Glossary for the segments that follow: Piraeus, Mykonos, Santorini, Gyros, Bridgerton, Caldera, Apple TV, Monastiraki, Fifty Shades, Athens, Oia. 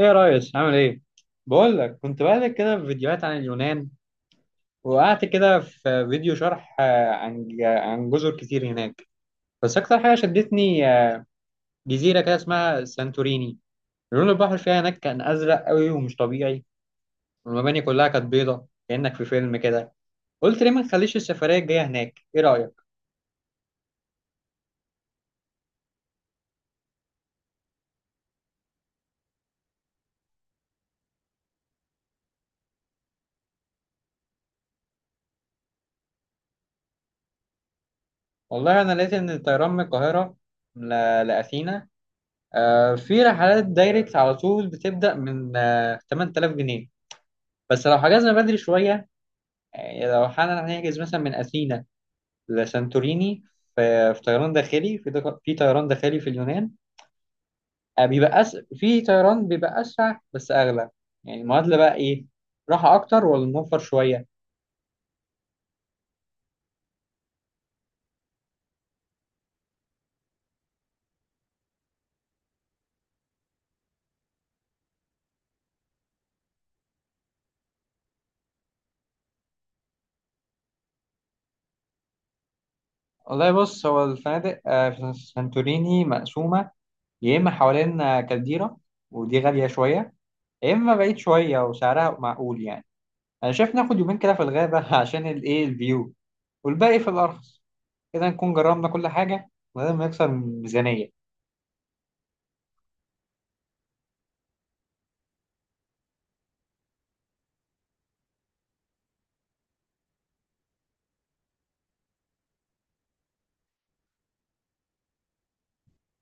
ايه يا ريس، عامل ايه؟ بقول لك، كنت بقلب كده في فيديوهات عن اليونان. وقعدت كده في فيديو شرح، عن عن جزر كتير هناك. بس اكتر حاجه شدتني، جزيره كده اسمها سانتوريني. لون البحر فيها هناك كان ازرق قوي ومش طبيعي. والمباني كلها كانت بيضه، كانك في فيلم كده. قلت ليه ما نخليش السفريه الجايه هناك؟ ايه رايك؟ والله انا لقيت ان الطيران من القاهره ل- لاثينا، في رحلات دايركت على طول، بتبدا من 8000 جنيه، بس لو حجزنا بدري شويه. يعني لو حالا هنحجز مثلا من أثينا لسانتوريني، في طيران داخلي، في اليونان. في طيران بيبقى أسرع بس أغلى. يعني المعادلة بقى إيه؟ راحة أكتر ولا نوفر شوية؟ والله بص، هو الفنادق في سانتوريني مقسومة. يا إما حوالين كالديرا، ودي غالية شوية. يا إما بعيد شوية وسعرها معقول يعني. أنا شايف ناخد يومين كده في الغابة عشان الإيه، الفيو. والباقي في الأرخص. كده نكون جربنا كل حاجة من غير ما يكسر الميزانية.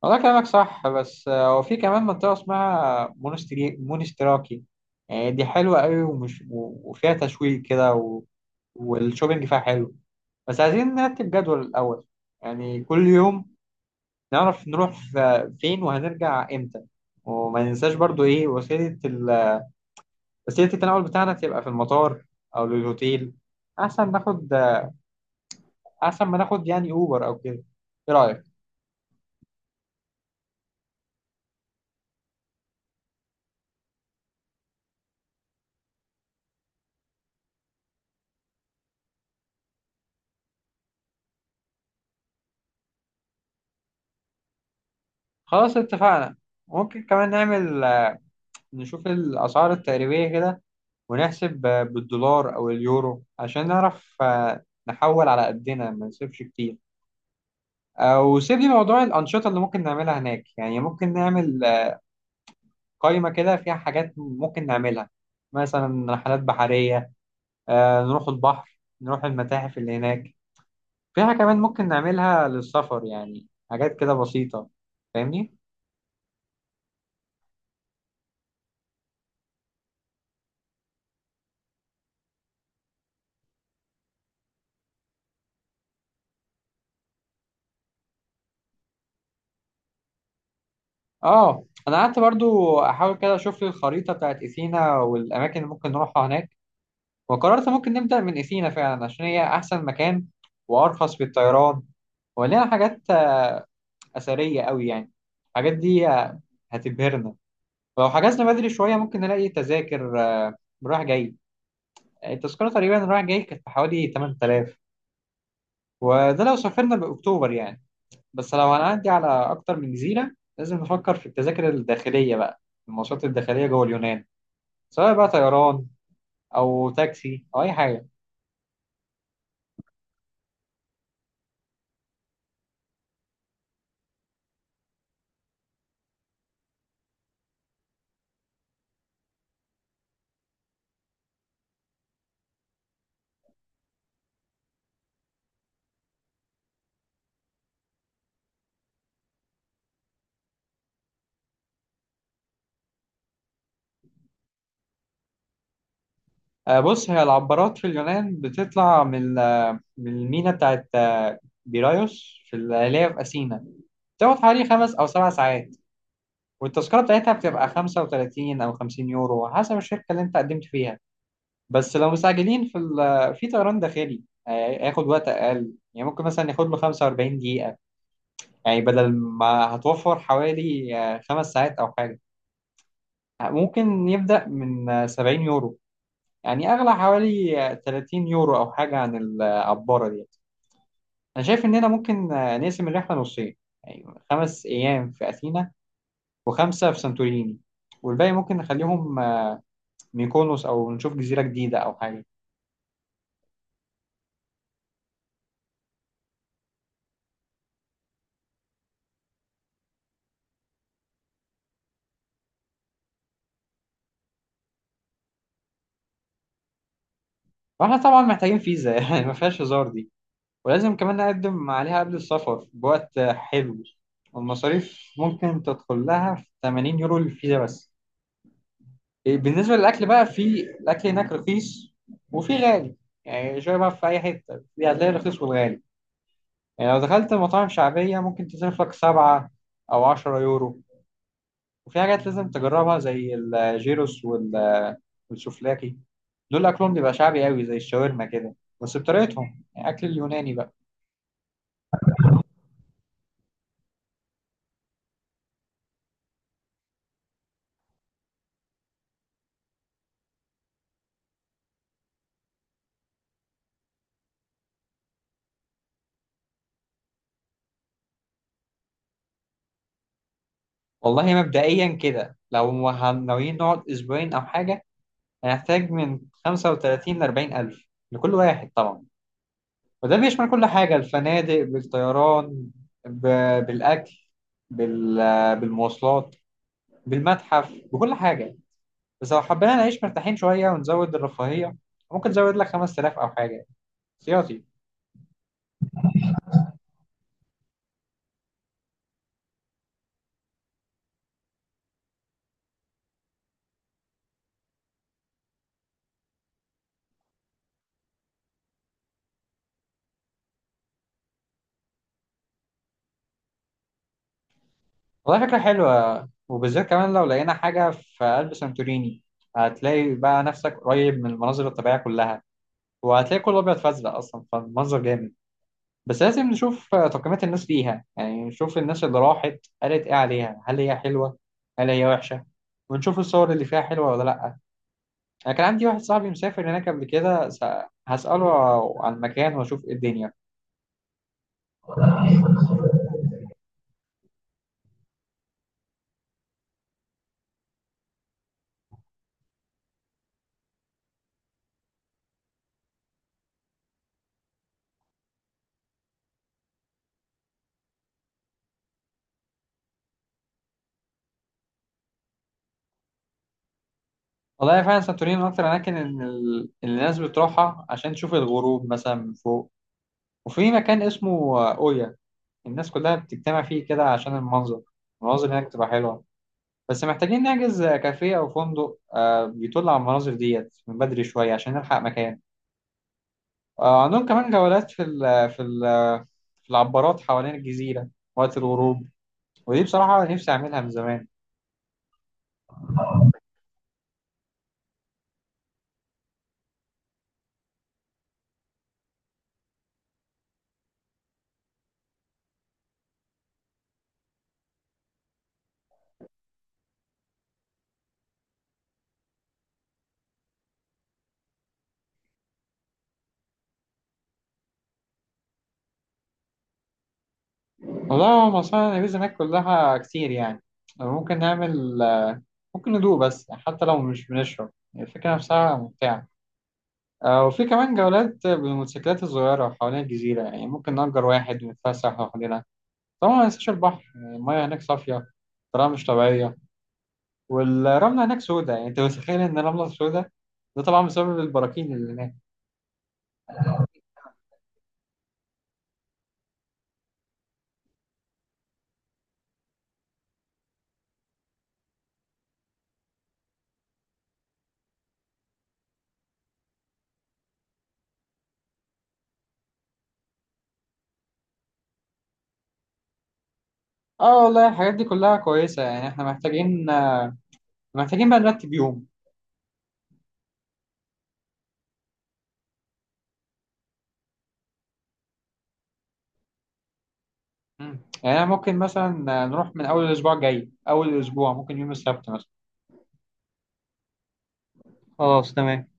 والله كلامك صح، بس هو في كمان منطقة اسمها مونستري مونستراكي. يعني دي حلوة قوي، وفيها تشويق كده. و... والشوبينج فيها حلو. بس عايزين نرتب جدول الأول. يعني كل يوم نعرف نروح فين وهنرجع إمتى. وما ننساش برضو إيه وسيلة التنقل بتاعنا، تبقى في المطار أو للهوتيل. أحسن ناخد أحسن ما ناخد يعني أوبر أو كده. إيه رأيك؟ خلاص اتفقنا. ممكن كمان نعمل، نشوف الأسعار التقريبية كده، ونحسب بالدولار أو اليورو، عشان نعرف نحول على قدنا ما نصرفش كتير. وسيب لي موضوع الأنشطة اللي ممكن نعملها هناك. يعني ممكن نعمل قائمة كده فيها حاجات ممكن نعملها. مثلا رحلات بحرية، نروح البحر، نروح المتاحف اللي هناك فيها. كمان ممكن نعملها للسفر، يعني حاجات كده بسيطة. فاهمني؟ اه، انا قعدت برضو احاول كده اشوف لي الخريطه بتاعت اثينا والاماكن اللي ممكن نروحها هناك. وقررت ممكن نبدا من اثينا فعلا، عشان هي احسن مكان وارخص في الطيران. ولينا حاجات اثريه قوي يعني. الحاجات دي هتبهرنا. ولو حجزنا بدري شويه ممكن نلاقي تذاكر، رايح جاي. التذكره تقريبا رايح جاي كانت بحوالي 8000. وده لو سافرنا باكتوبر يعني. بس لو هنعدي على اكتر من جزيره، لازم نفكر في التذاكر الداخليه بقى. المواصلات الداخليه جوه اليونان، سواء بقى طيران او تاكسي او اي حاجه. بص، هي العبارات في اليونان بتطلع من، من المينا بتاعت بيرايوس، في اللي هي في اثينا. بتاخد حوالي 5 او 7 ساعات. والتذكره بتاعتها بتبقى 35 او 50 يورو، على حسب الشركه اللي انت قدمت فيها. بس لو مستعجلين، في في طيران داخلي، آه، هياخد وقت اقل. يعني ممكن مثلا ياخد له 45 دقيقه. يعني بدل ما هتوفر حوالي 5 ساعات او حاجه، ممكن يبدا من 70 يورو. يعني أغلى حوالي 30 يورو أو حاجة عن العبارة دي. أنا شايف إننا ممكن نقسم الرحلة نصين. يعني 5 أيام في أثينا، وخمسة في سانتوريني، والباقي ممكن نخليهم ميكونوس أو نشوف جزيرة جديدة أو حاجة. وإحنا طبعا محتاجين فيزا يعني ما فيهاش هزار دي. ولازم كمان نقدم عليها قبل السفر بوقت حلو. والمصاريف ممكن تدخل لها في 80 يورو للفيزا بس. إيه، بالنسبة للأكل بقى، في الأكل هناك رخيص وفي غالي. يعني شوية بقى، في أي حتة في، هتلاقي الرخيص والغالي. يعني لو دخلت مطاعم شعبية، ممكن تصرف لك 7 أو 10 يورو. وفي حاجات لازم تجربها، زي الجيروس والسوفلاكي. دول أكلهم بيبقى شعبي قوي، زي الشاورما كده، بس بطريقتهم، يعني أكل اليوناني بقى. والله مبدئيا كده، لو ناويين نقعد أسبوعين أو حاجة، هنحتاج من 35 لـ40 ألف، لكل واحد طبعا. وده بيشمل كل حاجة، الفنادق بالطيران، ب... بالأكل، بال... بالمواصلات، بالمتحف، بكل حاجة. بس لو حبينا نعيش مرتاحين شوية ونزود الرفاهية، ممكن نزود لك 5000 أو حاجة احتياطي. والله فكرة حلوة، وبالذات كمان لو لقينا حاجة في قلب سانتوريني. هتلاقي بقى نفسك قريب من المناظر الطبيعية كلها، وهتلاقي كله أبيض فأزرق أصلا، فالمنظر جامد. بس لازم نشوف تقييمات الناس ليها. يعني نشوف الناس اللي راحت قالت ايه عليها، هل هي حلوة هل هي وحشة؟ ونشوف الصور اللي فيها حلوة ولا لأ. أنا كان عندي واحد صاحبي مسافر هناك قبل كده، هسأله عن المكان وأشوف إيه الدنيا. والله فعلا سانتوريني من أكتر الأماكن إن اللي الناس بتروحها، عشان تشوف الغروب مثلا من فوق. وفي مكان اسمه أويا، الناس كلها بتجتمع فيه كده عشان المنظر. المناظر هناك بتبقى حلوة. بس محتاجين نحجز كافيه أو فندق بيطل على المناظر ديت من بدري شوية، عشان نلحق مكان. عندهم كمان جولات في العبارات حوالين الجزيرة وقت الغروب. ودي بصراحة نفسي أعملها من زمان. والله هو مصانع النبيذ هناك كلها كتير يعني. ممكن نعمل، ممكن ندوق بس، حتى لو مش بنشرب الفكرة نفسها ممتعة. وفي كمان جولات بالموتوسيكلات الصغيرة حوالين الجزيرة. يعني ممكن نأجر واحد ونتفسح حوالينا. طبعا ما ننساش البحر، يعني المياه هناك صافية بطريقة مش طبيعية. والرملة هناك سودة، يعني انت متخيل ان الرملة سودة؟ ده طبعا بسبب البراكين اللي هناك. اه والله، الحاجات دي كلها كويسة. يعني احنا محتاجين، بقى نرتب يوم. يعني أنا ممكن مثلا نروح من اول الاسبوع الجاي. اول الاسبوع ممكن يوم السبت مثلا. خلاص تمام.